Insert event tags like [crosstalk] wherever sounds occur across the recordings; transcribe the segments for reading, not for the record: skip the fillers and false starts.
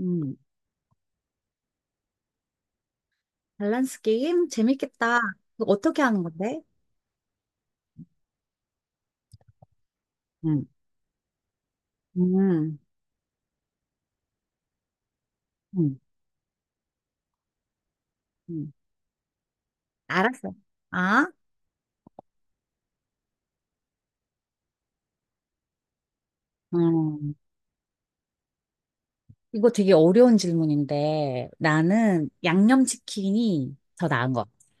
음, 밸런스 게임? 재밌겠다. 그거 어떻게 하는 건데? 음, 음, 음, 음, 알았어. 아, 음. 이거 되게 어려운 질문인데 나는 양념치킨이 더 나은 것 같아.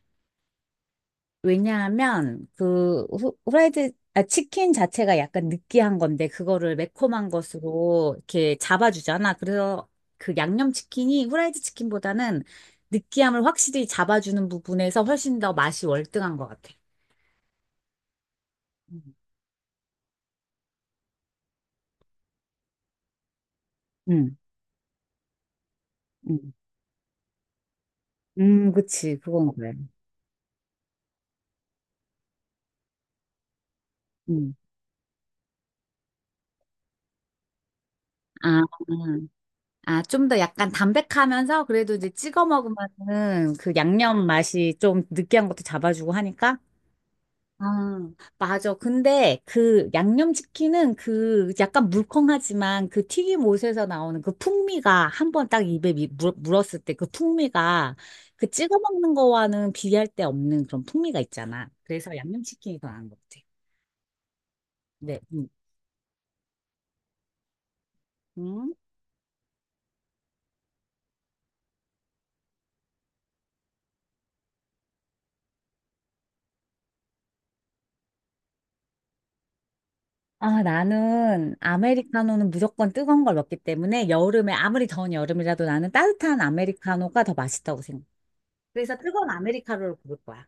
왜냐하면 그 후라이드, 치킨 자체가 약간 느끼한 건데 그거를 매콤한 것으로 이렇게 잡아주잖아. 그래서 그 양념치킨이 후라이드 치킨보다는 느끼함을 확실히 잡아주는 부분에서 훨씬 더 맛이 월등한 것 같아. 음, 음, 그치, 그건 그래. 음, 아, 아, 좀 더 약간 담백하면서 그래도 이제 찍어 먹으면은 그 양념 맛이 좀 느끼한 것도 잡아주고 하니까. 아, 맞아. 근데 그 양념치킨은 그 약간 물컹하지만 그 튀김옷에서 나오는 그 풍미가 한번 딱 입에 물었을 때 그 풍미가 그 찍어 먹는 거와는 비교할 데 없는 그런 풍미가 있잖아. 그래서 양념치킨이 더 나은 것 같아. 네. 음. 아, 나는 아메리카노는 무조건 뜨거운 걸 먹기 때문에 여름에 아무리 더운 여름이라도 나는 따뜻한 아메리카노가 더 맛있다고 생각해. 그래서 뜨거운 아메리카노를 고를 거야.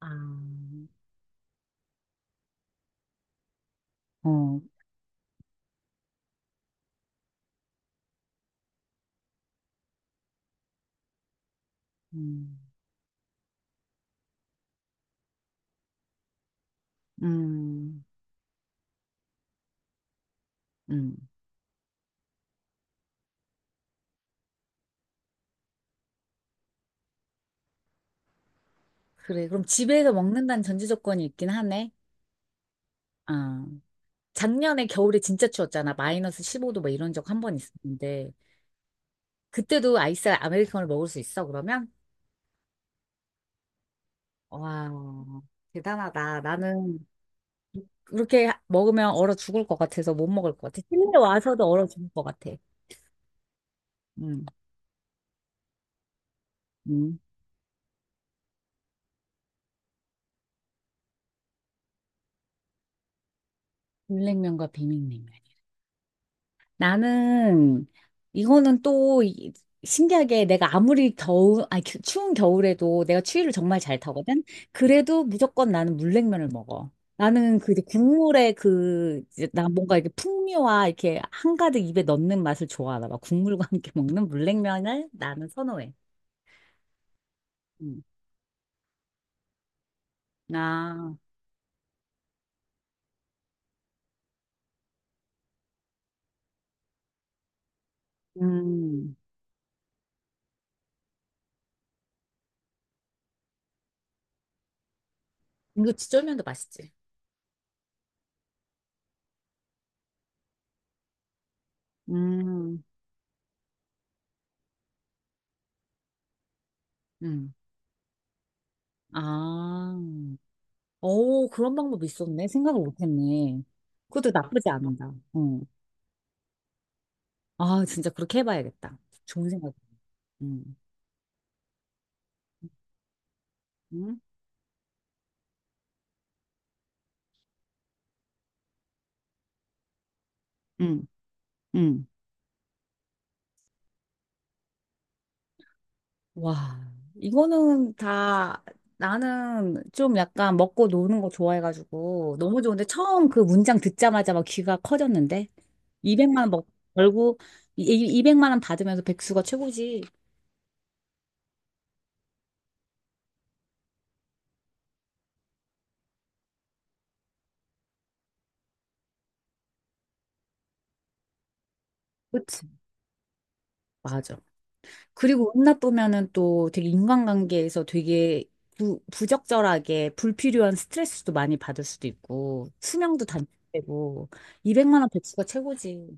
아, 어, 음, 음, 음. 그래, 그럼 집에서 먹는다는 전제 조건이 있긴 하네. 아, 작년에 겨울에 진짜 추웠잖아. 마이너스 15도 뭐 이런 적 한 번 있었는데. 그때도 아이스 아메리카노를 먹을 수 있어, 그러면? 와, 대단하다. 나는 그렇게 먹으면 얼어 죽을 것 같아서 못 먹을 것 같아. 실내 와서도 얼어 죽을 것 같아. 음, 음. 물냉면과 비빔냉면. 나는 이거는 또 신기하게 내가 아무리 더운, 아니 추운 겨울에도 내가 추위를 정말 잘 타거든. 그래도 무조건 나는 물냉면을 먹어. 나는 그 이제 국물의 그, 이제 나 뭔가 이렇게 풍미와 이렇게 한가득 입에 넣는 맛을 좋아하나 봐. 국물과 함께 먹는 물냉면을 나는 선호해. 음. 아, 음. 이거 치 쫄면 도 맛있지. 음, 음. 아, 오, 그런 방법이 있었네. 생각을 못했네. 그것도 나쁘지 않은다. 응. 아, 진짜 그렇게 해봐야겠다. 좋은 생각. 응, 음? 응, 응. 응. 와, 이거는 다 나는 좀 약간 먹고 노는 거 좋아해가지고 너무 좋은데 처음 그 문장 듣자마자 막 귀가 커졌는데 200만 원 먹, 벌고 이- 이- 200만 원 받으면서 백수가 최고지. 그치. 맞아. 그리고 은둔하면은 또 되게 인간관계에서 되게 부적절하게 불필요한 스트레스도 많이 받을 수도 있고 수명도 단축되고 200만 원 배치가 최고지.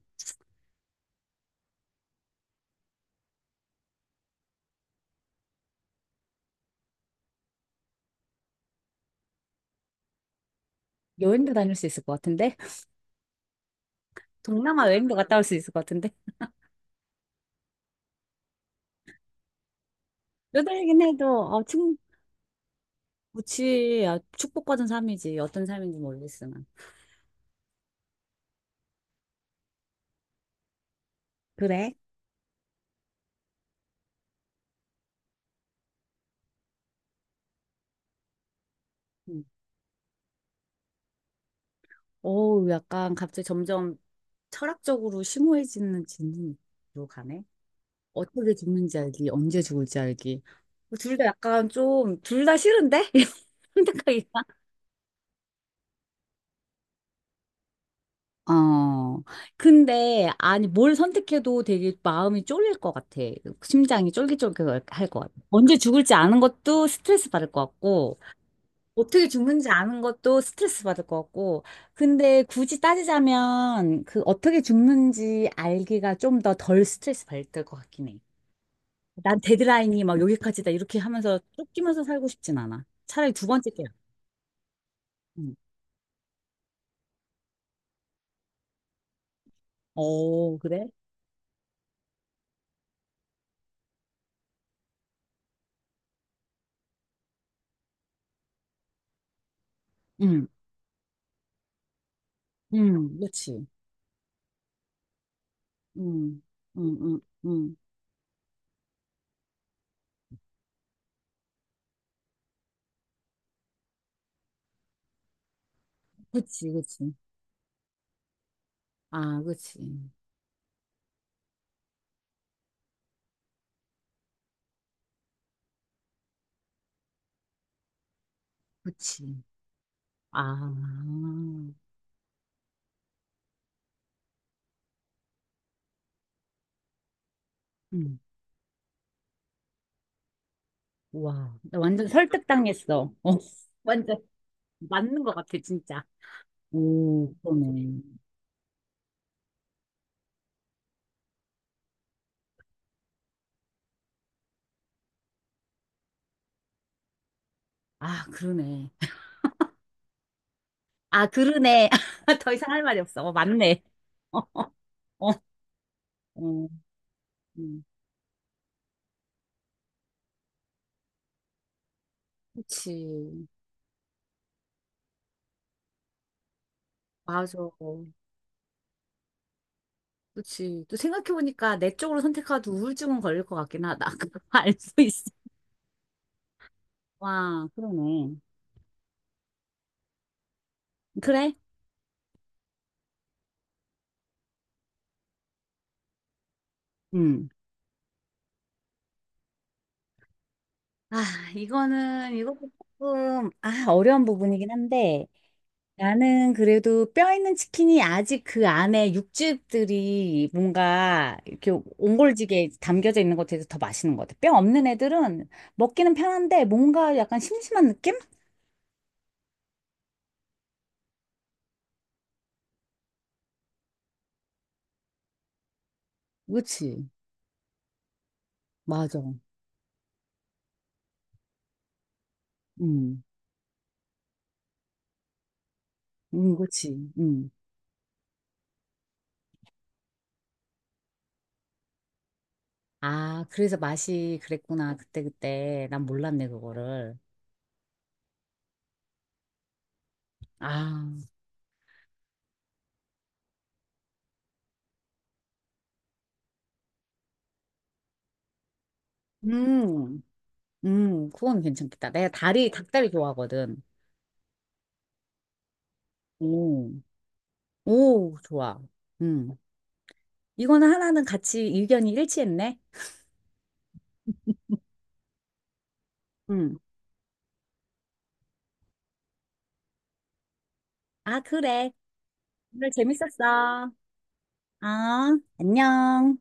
여행도 다닐 수 있을 것 같은데? [laughs] 동남아 여행도 갔다 올 수 있을 것 같은데? 쪼들리긴 해도 어, 충, 그치. 아, 축복받은 삶이지. 어떤 삶인지 모르겠으나. 그래? 응. 어우, 약간 갑자기 점점 철학적으로 심오해지는 진로 가네. 어떻게 죽는지 알기, 언제 죽을지 알기. 뭐 둘다 약간 좀, 둘 다 싫은데? [laughs] 이런 생각이 나. 어. 근데, 아니, 뭘 선택해도 되게 마음이 쫄릴 것 같아. 심장이 쫄깃쫄깃할 것 같아. 언제 죽을지 아는 것도 스트레스 받을 것 같고, 어떻게 죽는지 아는 것도 스트레스 받을 것 같고, 근데 굳이 따지자면, 그 어떻게 죽는지 알기가 좀 더 덜 스트레스 받을 것 같긴 해. 난 데드라인이 막 여기까지다 이렇게 하면서 쫓기면서 살고 싶진 않아. 차라리 두 번째 게. 응. 어, 그래? 응, 응, 그렇지. 응, 응, 응, 응. 그치, 그치. 아, 그치. 그치. 아, 응. 와, 나 완전 설득당했어. 어, [laughs] 완전 맞는 것 같아, 진짜. 오, 그러네. 아, 그러네. 아, 그러네. [laughs] 더 이상 할 말이 없어. 어, 맞네. 어, 어, 어. 음. 그치. 맞아. 그치. 또 생각해보니까 내 쪽으로 선택하도 우울증은 걸릴 것 같긴 하다. [laughs] 그거 알수 있어. 와, 그러네. 그래? 음. 아, 이거는, 이것도 조금, 아, 어려운 부분이긴 한데, 나는 그래도 뼈 있는 치킨이 아직 그 안에 육즙들이 뭔가 이렇게 옹골지게 담겨져 있는 것에 대해서 더 맛있는 것 같아. 뼈 없는 애들은 먹기는 편한데 뭔가 약간 심심한 느낌? 그치. 맞아. 음. 그치. 음. 아, 그래서 맛이 그랬구나. 그때그때. 난 몰랐네, 그거를. 아, 음, 그건 괜찮겠다. 내가 다리, 닭다리 좋아하거든. 오, 오, 좋아. 음. 이거는 하나는 같이 의견이 일치했네. 음. 아, 그래. 오늘 재밌었어. 아, 안녕.